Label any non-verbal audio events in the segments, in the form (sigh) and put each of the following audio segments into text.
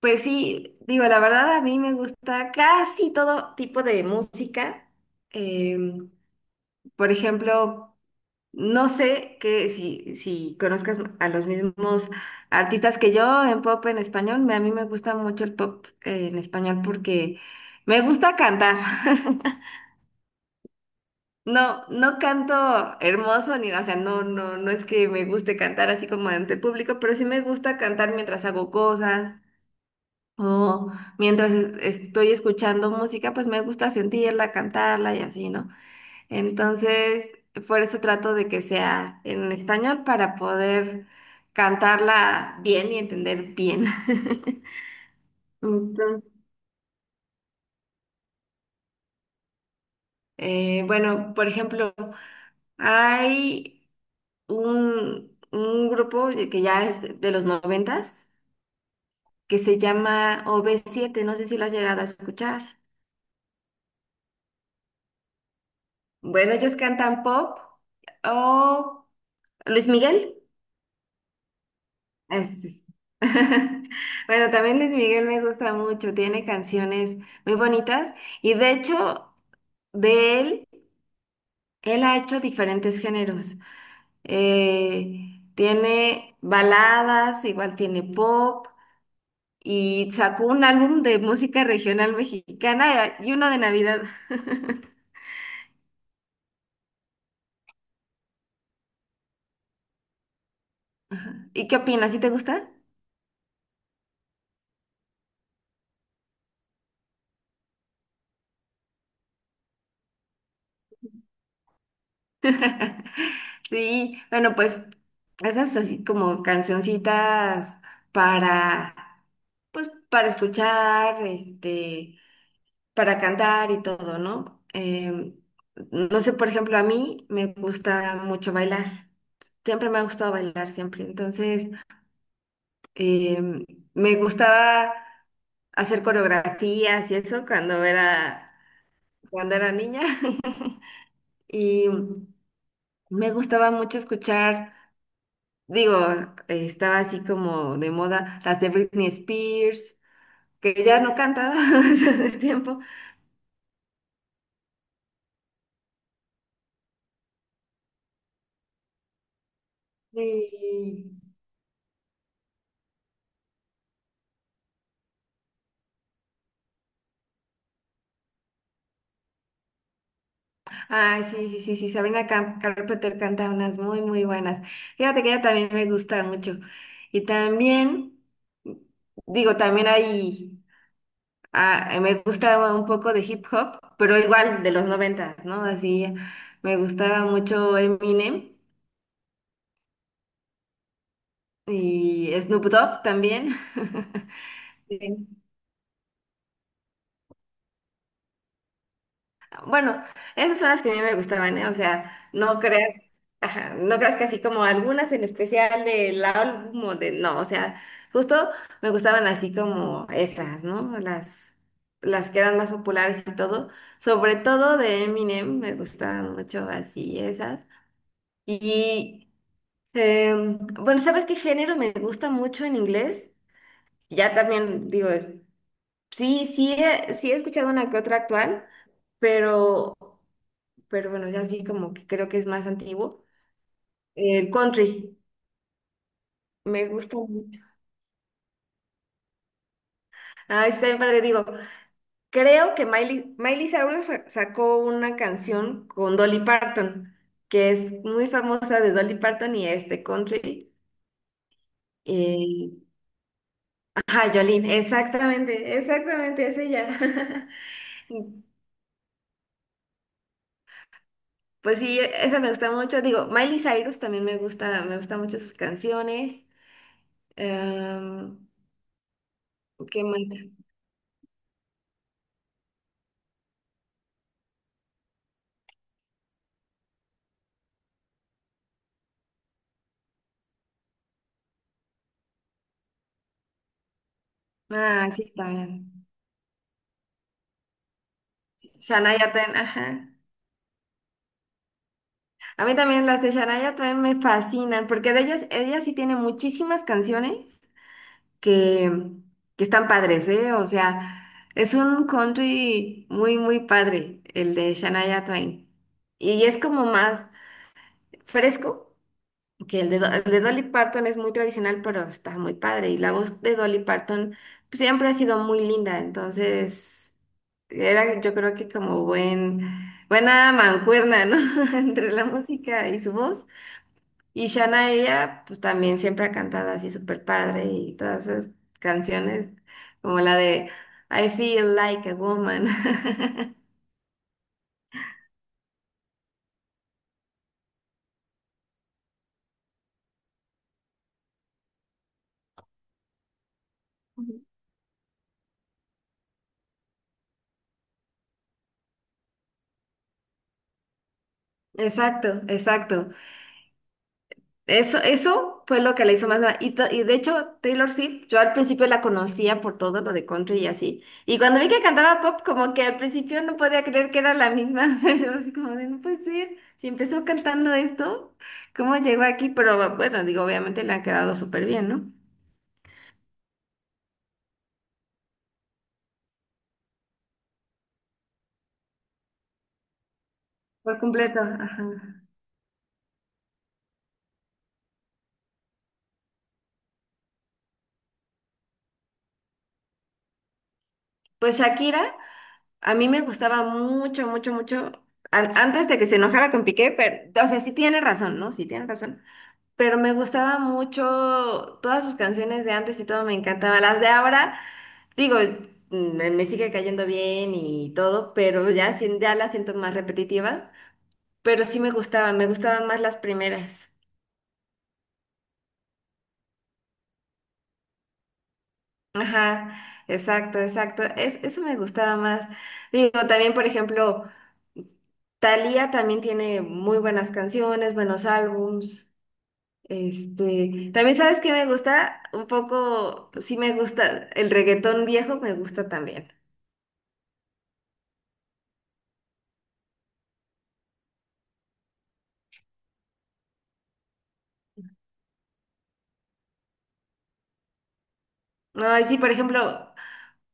Pues sí, digo, la verdad a mí me gusta casi todo tipo de música. Em, por ejemplo, no sé que si conozcas a los mismos artistas que yo en pop en español, a mí me gusta mucho el pop en español porque me gusta cantar. (laughs) No, no canto hermoso ni, o sea, no, no, no es que me guste cantar así como ante el público, pero sí me gusta cantar mientras hago cosas. O mientras estoy escuchando música, pues me gusta sentirla, cantarla y así, ¿no? Entonces, por eso trato de que sea en español para poder cantarla bien y entender bien. (laughs) Entonces, bueno, por ejemplo, hay un grupo que ya es de los noventas que se llama OB7, no sé si lo has llegado a escuchar. Bueno, ellos cantan pop. O Luis Miguel. Es- es- (laughs) Bueno, también Luis Miguel me gusta mucho, tiene canciones muy bonitas y de hecho de él, él ha hecho diferentes géneros. Tiene baladas, igual tiene pop y sacó un álbum de música regional mexicana y uno de Navidad. (laughs) ¿Y qué opinas? ¿Sí te gusta? (laughs) Sí, bueno, pues esas así como cancioncitas para pues para escuchar, este, para cantar y todo, ¿no? No sé, por ejemplo, a mí me gusta mucho bailar. Siempre me ha gustado bailar, siempre. Entonces, em, me gustaba hacer coreografías y eso cuando era niña. (laughs) Y me gustaba mucho escuchar, digo, estaba así como de moda, las de Britney Spears, que ya no canta (laughs) hace tiempo. Y, ay, sí, sí, sí, sí, Sabrina Carpenter canta unas muy, muy buenas. Fíjate que ella también me gusta mucho. Y también, digo, también hay, ah, me gusta un poco de hip hop, pero igual de los noventas, ¿no? Así, me gustaba mucho Eminem y Snoop Dogg también. (laughs) Bueno, esas son las que a mí me gustaban, ¿eh? O sea, no creas, ajá, no creas que así como algunas en especial del álbum o de, no, o sea, justo me gustaban así como esas, ¿no? Las que eran más populares y todo, sobre todo de Eminem, me gustaban mucho así esas. Y, bueno, ¿sabes qué género me gusta mucho en inglés? Ya también digo, sí, sí, sí he escuchado una que otra actual pero pero bueno, ya sí como que creo que es más antiguo. El country, me gusta mucho. Ah, está bien padre, digo, creo que Miley Cyrus sacó una canción con Dolly Parton, que es muy famosa de Dolly Parton y este country. Y ajá, Jolene, exactamente, exactamente, es ella. (laughs) Pues sí, esa me gusta mucho. Digo, Miley Cyrus también me gusta mucho sus canciones. Em, ¿Qué más? Ah, sí, también. Shania Twain, ajá. A mí también las de Shania Twain me fascinan, porque de ellas, ella sí tiene muchísimas canciones que, que están padres, ¿eh? O sea, es un country muy, muy padre, el de Shania Twain. Y es como más fresco que el de, el de Dolly Parton, es muy tradicional, pero está muy padre. Y la voz de Dolly Parton pues, siempre ha sido muy linda, entonces. Era, yo creo que como buena mancuerna, ¿no? (laughs) Entre la música y su voz. Y Shana, ella, pues también siempre ha cantado así súper padre y todas esas canciones, como la de I Feel Like a Woman. (laughs) Exacto, exacto. Eso fue lo que la hizo más nueva. Y, y de hecho, Taylor Swift, yo al principio la conocía por todo lo de country y así. Y cuando vi que cantaba pop, como que al principio no podía creer que era la misma. (laughs) O sea, yo así como de, no puede ser. Si empezó cantando esto, ¿cómo llegó aquí? Pero bueno, digo, obviamente le ha quedado súper bien, ¿no? Por completo, ajá. Pues Shakira, a mí me gustaba mucho, mucho, mucho. Antes de que se enojara con Piqué, pero, o sea, sí tiene razón, ¿no? Sí tiene razón. Pero me gustaba mucho todas sus canciones de antes y todo me encantaba. Las de ahora, digo, me sigue cayendo bien y todo, pero ya, ya las siento más repetitivas, pero sí me gustaban más las primeras. Ajá, exacto, exacto. Eso me gustaba más. Digo, también, por ejemplo, Thalía también tiene muy buenas canciones, buenos álbums. Este, también sabes que me gusta un poco, pues, sí me gusta, el reggaetón viejo me gusta también. No, y sí, por ejemplo,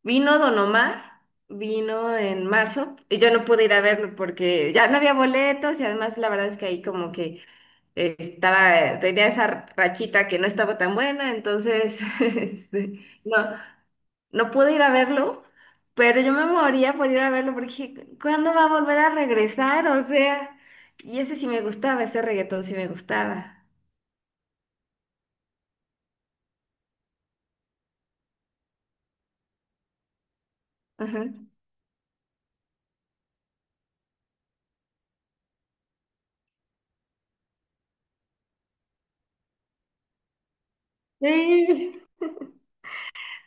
vino Don Omar, vino en marzo, y yo no pude ir a verlo porque ya no había boletos y además la verdad es que ahí como que estaba, tenía esa rachita que no estaba tan buena, entonces, (laughs) este, no. No pude ir a verlo, pero yo me moría por ir a verlo porque dije, ¿cuándo va a volver a regresar? O sea, y ese sí me gustaba, ese reggaetón sí me gustaba. Ajá. Sí.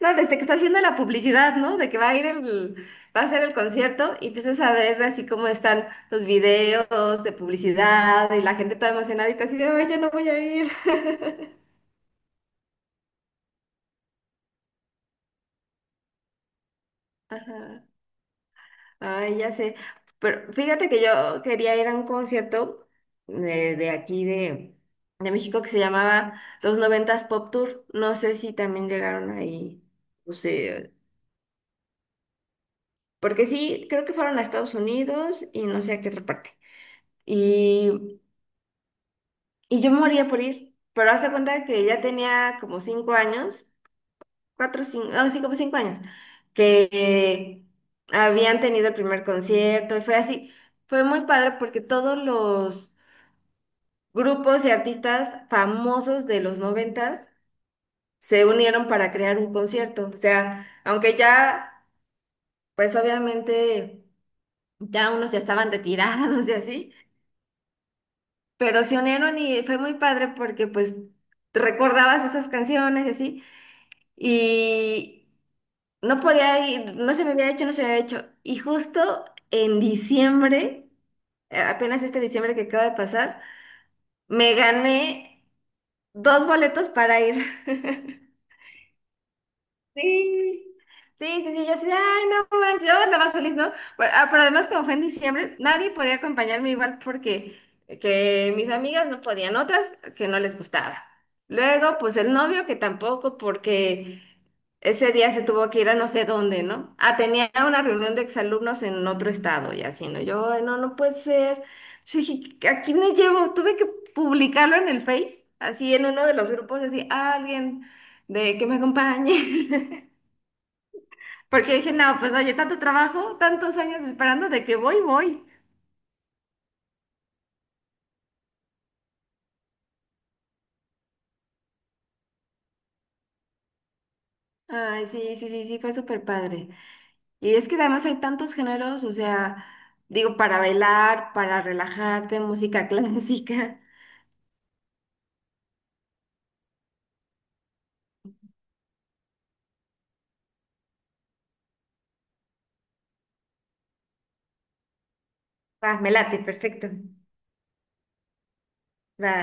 No, desde que estás viendo la publicidad, ¿no? De que va a ir va a ser el concierto y empiezas a ver así como están los videos de publicidad y la gente toda emocionadita así de, ay, ya no voy a ir. (laughs) Ajá. Ay, ya sé. Pero fíjate que yo quería ir a un concierto de aquí de México que se llamaba Los Noventas Pop Tour. No sé si también llegaron ahí. No sé. Porque sí, creo que fueron a Estados Unidos y no sé a qué otra parte. Y, y yo me moría por ir. Pero hace cuenta que ya tenía como cinco años, cuatro, cinco, no, sí, como cinco años, que habían tenido el primer concierto y fue así. Fue muy padre porque todos los grupos y artistas famosos de los noventas se unieron para crear un concierto. O sea, aunque ya, pues obviamente, ya unos ya estaban (laughs) retirados y así, pero se unieron y fue muy padre porque pues recordabas esas canciones y así, y no podía ir, no se me había hecho, no se me había hecho. Y justo en diciembre, apenas este diciembre que acaba de pasar, me gané 2 boletos para ir. (laughs) Sí. Sí, sí, sí, yo así, de, ay, no manches, yo la más feliz, ¿no? Pero, ah, pero además, como fue en diciembre, nadie podía acompañarme igual porque que mis amigas no podían, otras que no les gustaba. Luego, pues el novio que tampoco, porque ese día se tuvo que ir a no sé dónde, ¿no? Ah, tenía una reunión de exalumnos en otro estado y así, ¿no? Yo, "Ay, no, no puede ser." Yo dije, ¿a quién me llevo? Tuve que publicarlo en el Face, así en uno de los grupos, así, "Ah, alguien de que me acompañe." (laughs) Porque dije, no, pues oye, tanto trabajo, tantos años esperando de que voy, voy. Ay, sí, sí, sí, sí, fue súper padre. Y es que además hay tantos géneros, o sea, digo, para bailar, para relajarte, música (laughs) clásica. Va, me late, perfecto. Va.